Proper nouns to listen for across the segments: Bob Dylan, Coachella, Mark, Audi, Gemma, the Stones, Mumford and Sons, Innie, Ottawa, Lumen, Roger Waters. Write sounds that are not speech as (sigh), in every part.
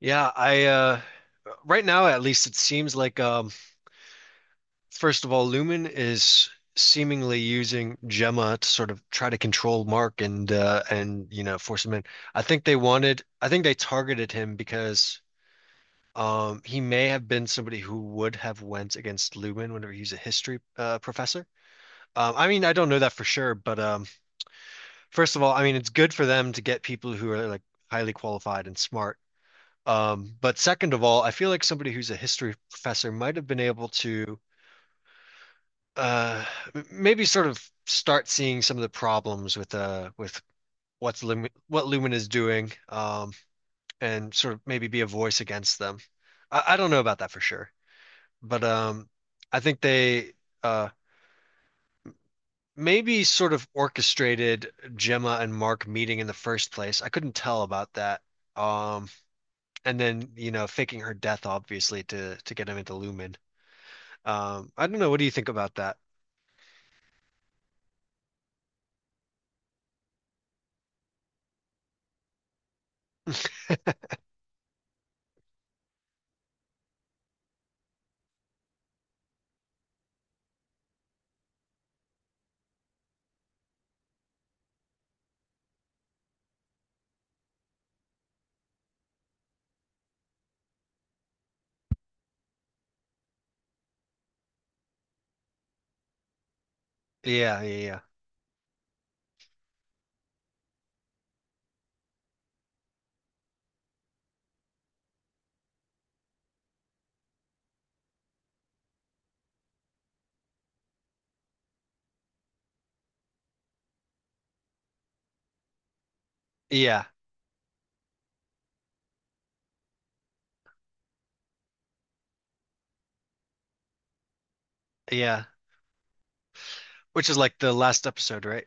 Yeah, I right now at least it seems like first of all, Lumen is seemingly using Gemma to sort of try to control Mark and you know force him in. I think they targeted him because he may have been somebody who would have went against Lumen whenever he's a history professor. I mean, I don't know that for sure, but first of all, I mean it's good for them to get people who are like highly qualified and smart. But second of all, I feel like somebody who's a history professor might have been able to uh, maybe sort of start seeing some of the problems with what's Lumen, what Lumen is doing, and sort of maybe be a voice against them. I don't know about that for sure, but I think they uh, maybe sort of orchestrated Gemma and Mark meeting in the first place. I couldn't tell about that. Um, and then you know faking her death, obviously, to get him into Lumen. I don't know. What do you think about that? Yeah, yeah, yeah, yeah, yeah. Which is like the last episode, right?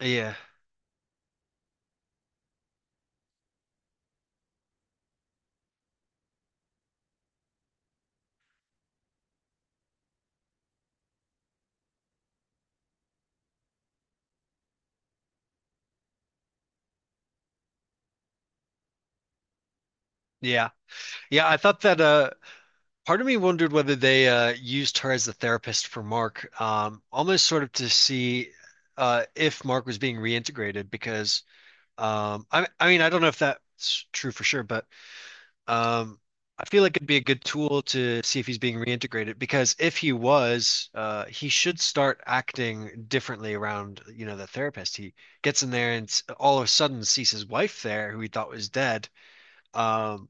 Yeah, yeah, yeah. I thought that part of me wondered whether they used her as the therapist for Mark, almost sort of to see if Mark was being reintegrated because I mean, I don't know if that's true for sure, but Um, I feel like it'd be a good tool to see if he's being reintegrated because if he was, he should start acting differently around, you know, the therapist. He gets in there and all of a sudden sees his wife there, who he thought was dead. Um,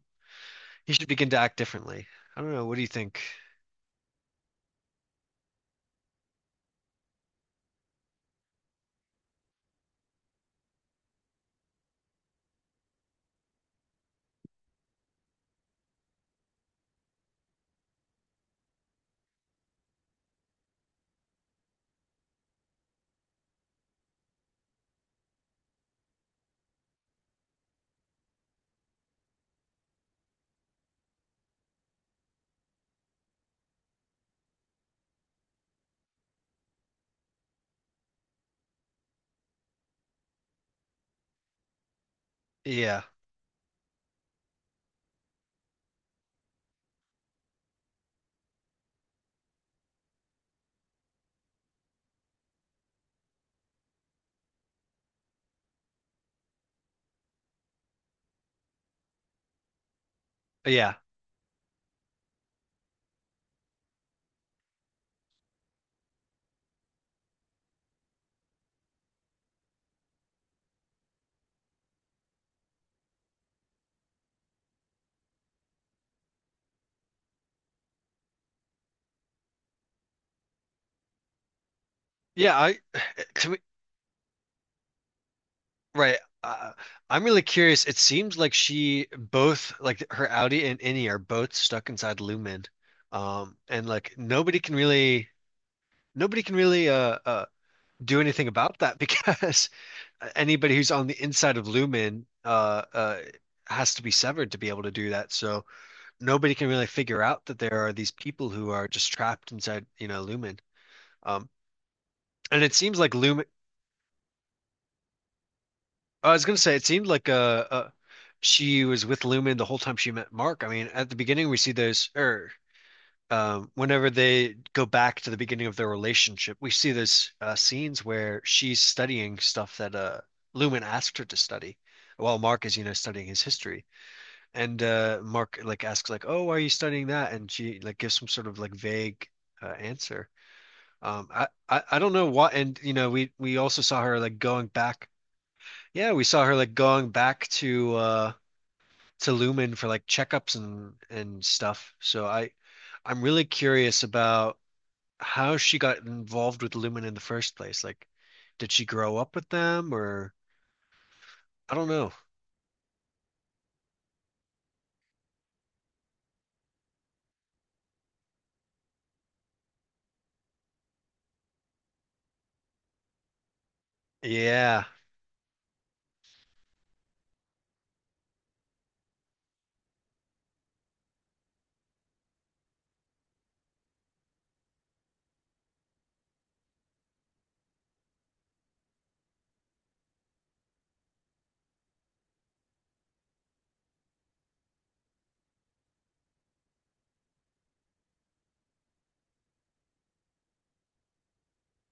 he should begin to act differently. I don't know. What do you think? Yeah. Yeah. Yeah. (sighs) To me, right. Uh, I'm really curious. It seems like she both, like her Audi and Innie, are both stuck inside Lumen. And like nobody can really. Nobody can really do anything about that because (laughs) anybody who's on the inside of Lumen has to be severed to be able to do that. So nobody can really figure out that there are these people who are just trapped inside, you know, Lumen. Um, and it seems like Lumen. I was gonna say it seemed like she was with Lumen the whole time she met Mark. I mean, at the beginning we see those, or whenever they go back to the beginning of their relationship, we see this scenes where she's studying stuff that Lumen asked her to study, while Mark is, you know, studying his history. And Mark like asks like, "Oh, why are you studying that?" And she like gives some sort of like vague answer. I don't know what, and you know, we also saw her like going back. Yeah, we saw her like going back to Lumen for like checkups and stuff. So I'm really curious about how she got involved with Lumen in the first place. Like, did she grow up with them or I don't know. Yeah,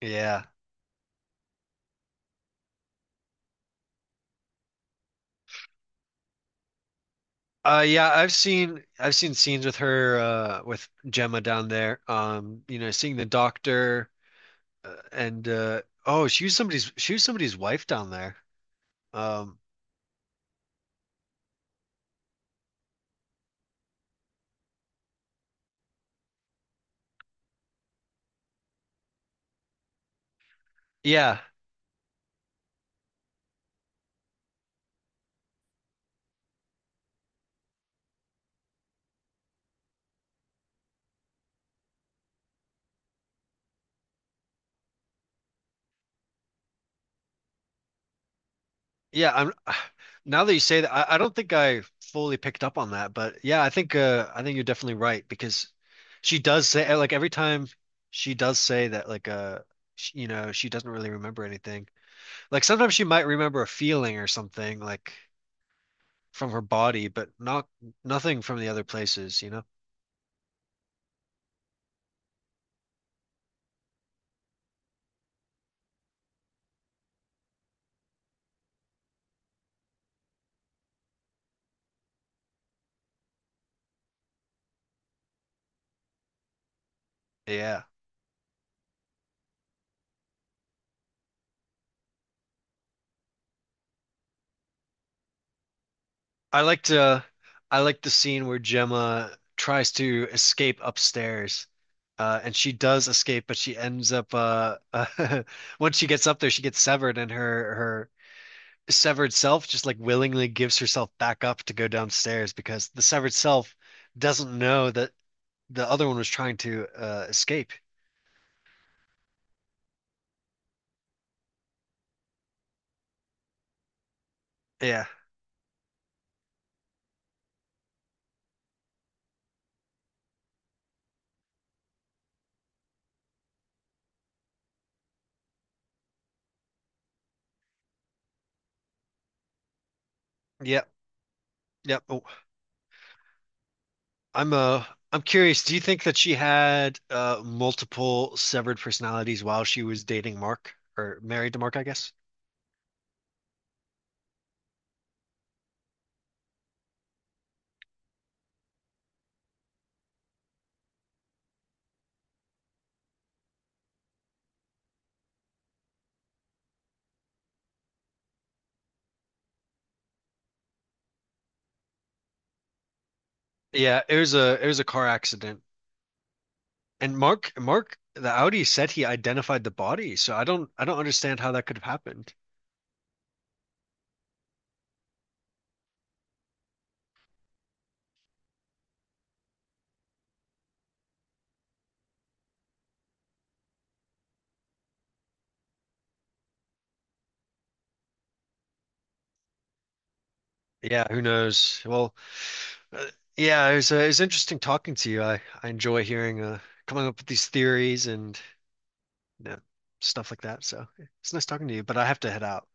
yeah. Yeah, I've seen scenes with her with Gemma down there. You know, seeing the doctor and oh, she was somebody's wife down there. Um, yeah. Yeah, I'm (sighs) now that you say that, I don't think I fully picked up on that, but yeah, I think you're definitely right because she does say like every time she does say that like sh you know, she doesn't really remember anything. Like sometimes she might remember a feeling or something like from her body, but not nothing from the other places, you know? Yeah. I liked uh I liked the scene where Gemma tries to escape upstairs. And she does escape, but she ends up (laughs) once she gets up there, she gets severed, and her severed self just like willingly gives herself back up to go downstairs because the severed self doesn't know that the other one was trying to escape. Yeah. Yep. Yep. I'm I'm curious, do you think that she had multiple severed personalities while she was dating Mark or married to Mark, I guess? Yeah, it was a car accident. And Mark the Audi said he identified the body, so I don't understand how that could have happened. Yeah, who knows? Well, uh, yeah, it was interesting talking to you. I enjoy hearing coming up with these theories and you know, stuff like that. So, it's nice talking to you, but I have to head out.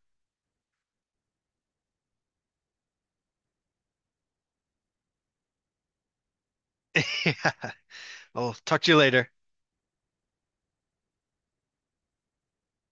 (laughs) Yeah. I'll talk to you later.